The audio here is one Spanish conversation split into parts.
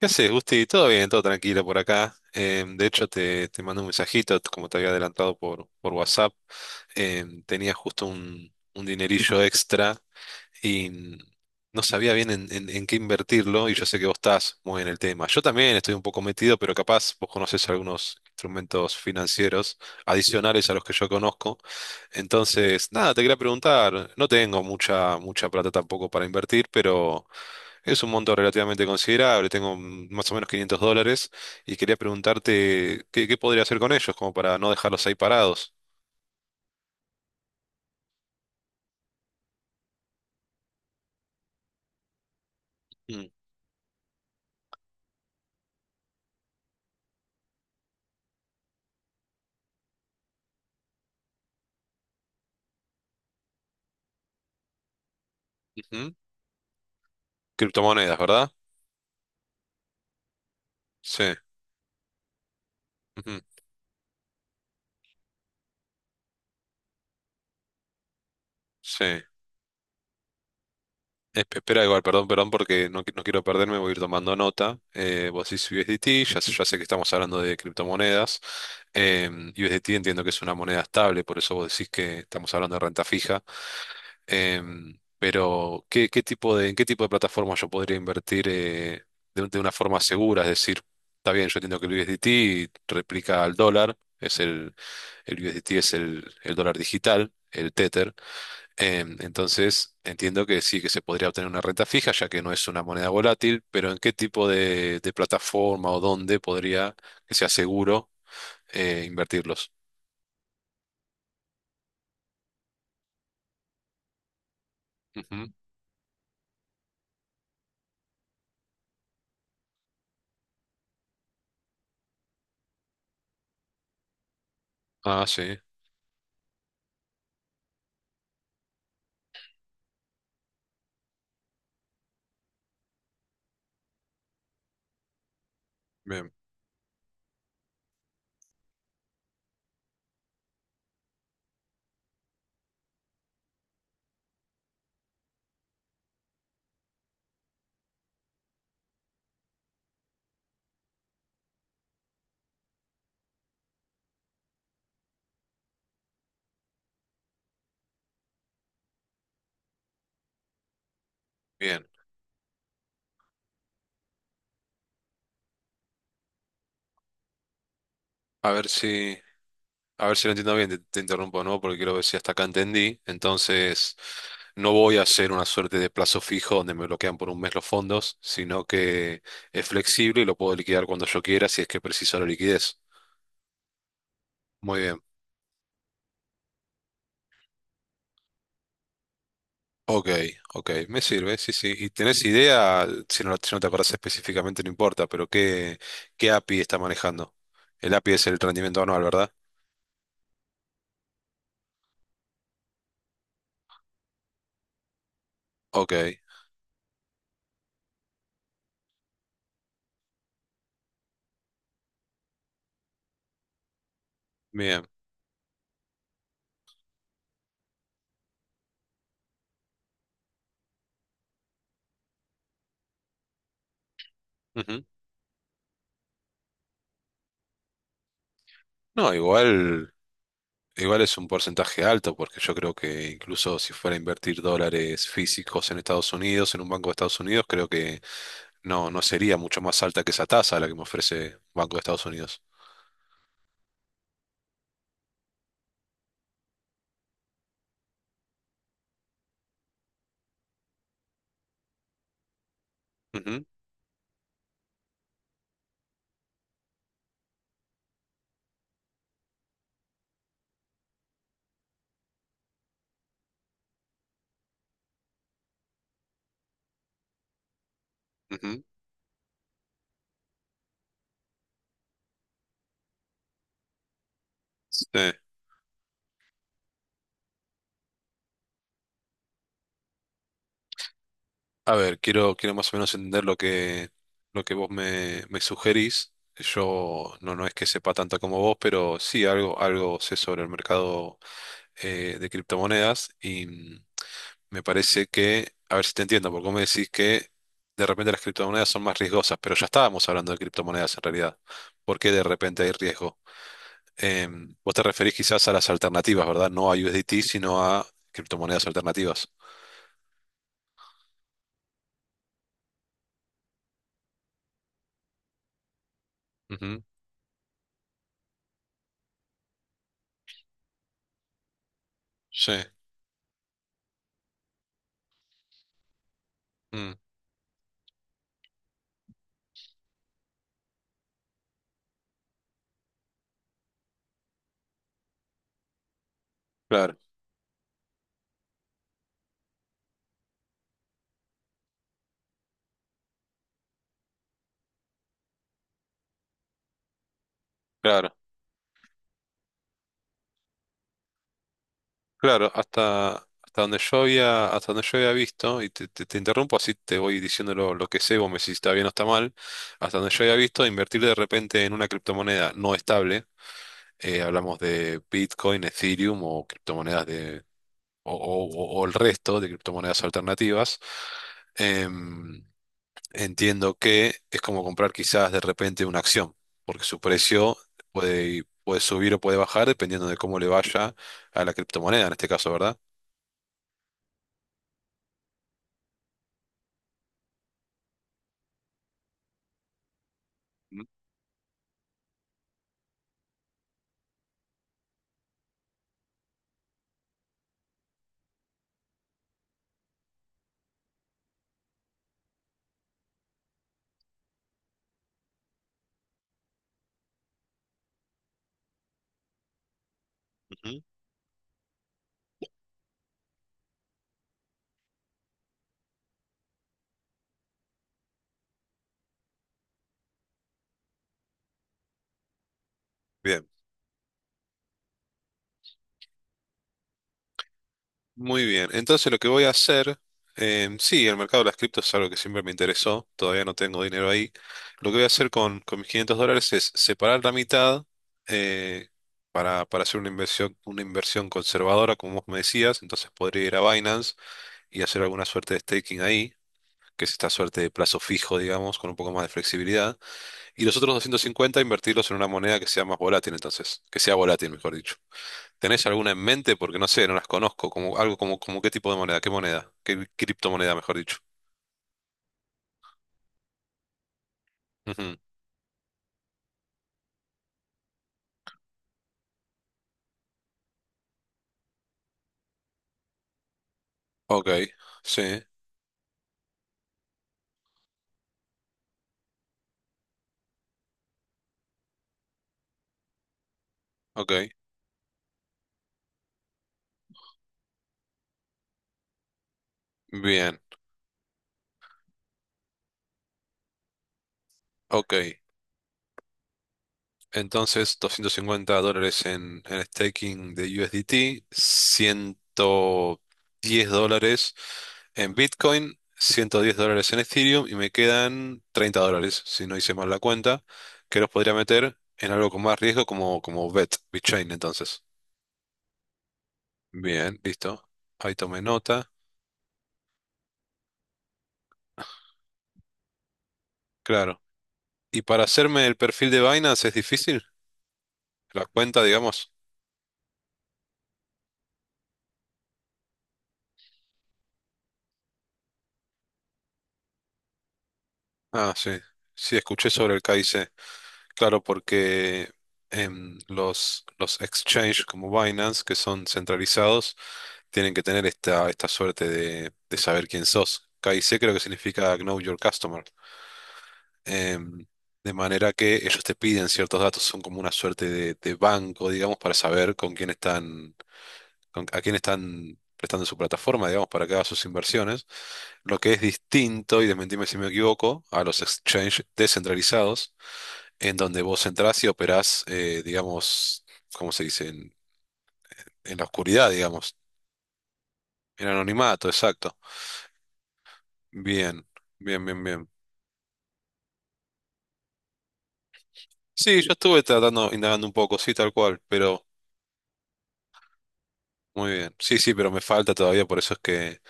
¿Qué haces, Gusti? Todo bien, todo tranquilo por acá. De hecho, te mando un mensajito, como te había adelantado por WhatsApp. Tenía justo un dinerillo extra y no sabía bien en, en qué invertirlo, y yo sé que vos estás muy en el tema. Yo también estoy un poco metido, pero capaz vos conocés algunos instrumentos financieros adicionales a los que yo conozco. Entonces, nada, te quería preguntar. No tengo mucha, plata tampoco para invertir, pero es un monto relativamente considerable. Tengo más o menos $500 y quería preguntarte qué, podría hacer con ellos, como para no dejarlos ahí parados. Mm. Ujú. Criptomonedas, ¿verdad? Sí, ujú, sí. Espera, igual, perdón, porque no, no quiero perderme. Voy a ir tomando nota. Vos decís USDT. Ya, ya sé que estamos hablando de criptomonedas. USDT entiendo que es una moneda estable, por eso vos decís que estamos hablando de renta fija. Pero ¿qué, tipo de, en qué tipo de plataforma yo podría invertir, de, de una forma segura? Es decir, está bien, yo entiendo que el USDT replica al dólar, es el, el, USDT es el dólar digital, el Tether. Entonces, entiendo que sí, que se podría obtener una renta fija, ya que no es una moneda volátil, pero ¿en qué tipo de, plataforma o dónde podría, que sea seguro, invertirlos? Ujú. Ah, sí, bien, bien. A ver si... A ver si lo entiendo bien, te interrumpo, ¿no? Porque quiero ver si hasta acá entendí. Entonces, no voy a hacer una suerte de plazo fijo donde me bloquean por un mes los fondos, sino que es flexible y lo puedo liquidar cuando yo quiera si es que preciso la liquidez. Muy bien. Ok, ok, me sirve, sí, sí. ¿Y tenés idea? Si no, si no te acordás específicamente, no importa, pero ¿qué, API está manejando? El API es el rendimiento anual, ¿verdad? Ok, bien. Ujú. No, igual. Igual es un porcentaje alto, porque yo creo que incluso si fuera a invertir dólares físicos en Estados Unidos, en un banco de Estados Unidos, creo que no, sería mucho más alta que esa tasa la que me ofrece Banco de Estados Unidos. Ujú, ujú. Sí. A ver, quiero, más o menos entender lo que, vos me sugerís. Yo no es que sepa tanto como vos, pero sí algo sé sobre el mercado, de criptomonedas. Y me parece que, a ver si te entiendo, porque vos me decís que de repente las criptomonedas son más riesgosas, pero ya estábamos hablando de criptomonedas en realidad. ¿Por qué de repente hay riesgo? Vos te referís quizás a las alternativas, ¿verdad? No a USDT, sino a criptomonedas alternativas. Ujú. Sí. Mm. Claro, claro, claro. Hasta donde yo había visto, y te, te interrumpo, así te voy diciendo lo que sé, vos me decís si está bien o está mal. Hasta donde yo había visto, invertir de repente en una criptomoneda no estable, hablamos de Bitcoin, Ethereum o criptomonedas o el resto de criptomonedas alternativas, em, entiendo que es como comprar quizás de repente una acción, porque su precio puede subir o puede bajar dependiendo de cómo le vaya a la criptomoneda en este caso, ¿verdad? Mm. Ujú. Bien. Muy bien. Entonces lo que voy a hacer, sí, el mercado de las criptos es algo que siempre me interesó, todavía no tengo dinero ahí. Lo que voy a hacer con, mis $500 es separar la mitad, eh, para, hacer una inversión conservadora, como vos me decías. Entonces podría ir a Binance y hacer alguna suerte de staking ahí, que es esta suerte de plazo fijo, digamos, con un poco más de flexibilidad. Y los otros 250 invertirlos en una moneda que sea más volátil. Entonces, que sea volátil, mejor. ¿Tenés alguna en mente? Porque no sé, no las conozco. Como, algo como, como qué tipo de moneda, qué criptomoneda, mejor dicho. Ujú. Ok, sí, ok, bien, ok. Entonces, $250 en, staking de USDT, $10 en Bitcoin, $110 en Ethereum y me quedan $30, si no hice mal la cuenta, que los podría meter en algo con más riesgo, como BET, BitChain, entonces. Bien, listo. Ahí tomé nota. Claro. ¿Y para hacerme el perfil de Binance es difícil? La cuenta, digamos. Ah, sí. Sí, escuché sobre el KIC. Claro, porque los, exchanges como Binance, que son centralizados, tienen que tener esta, suerte de saber quién sos. KIC creo que significa Know Your Customer. Em, de manera que ellos te piden ciertos datos, son como una suerte de banco, digamos, para saber con quién están, a quién están prestando su plataforma, digamos, para que haga sus inversiones. Lo que es distinto, y desmentime si me equivoco, a los exchanges descentralizados, en donde vos entrás y operás, digamos, ¿cómo se dice? En la oscuridad, digamos, en anonimato, exacto. Bien, bien, bien, bien. Sí, yo estuve tratando, indagando un poco, sí, tal cual, pero muy bien. Sí, sí, pero me falta todavía, por eso es que,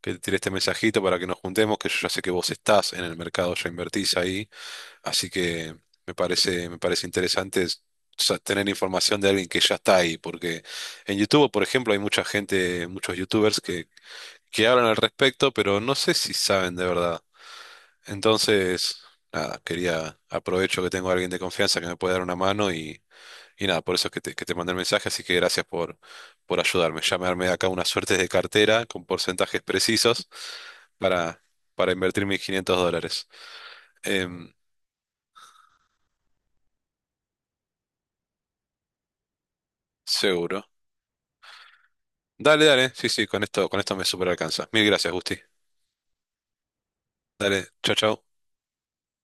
que te tiré este mensajito para que nos juntemos, que yo ya sé que vos estás en el mercado, ya invertís ahí. Así que me parece interesante tener información de alguien que ya está ahí, porque en YouTube, por ejemplo, hay mucha gente, muchos YouTubers que, hablan al respecto, pero no sé si saben de verdad. Entonces, nada, quería, aprovecho que tengo a alguien de confianza que me puede dar una mano. Y y nada, por eso es que te mandé el mensaje, así que gracias por, ayudarme. Ya me armé acá una suerte de cartera con porcentajes precisos para, para invertir mis $500. Em, Seguro. Dale, dale. Sí, sí, con esto, me super alcanza. Mil gracias, Gusti. Dale, chau, chau.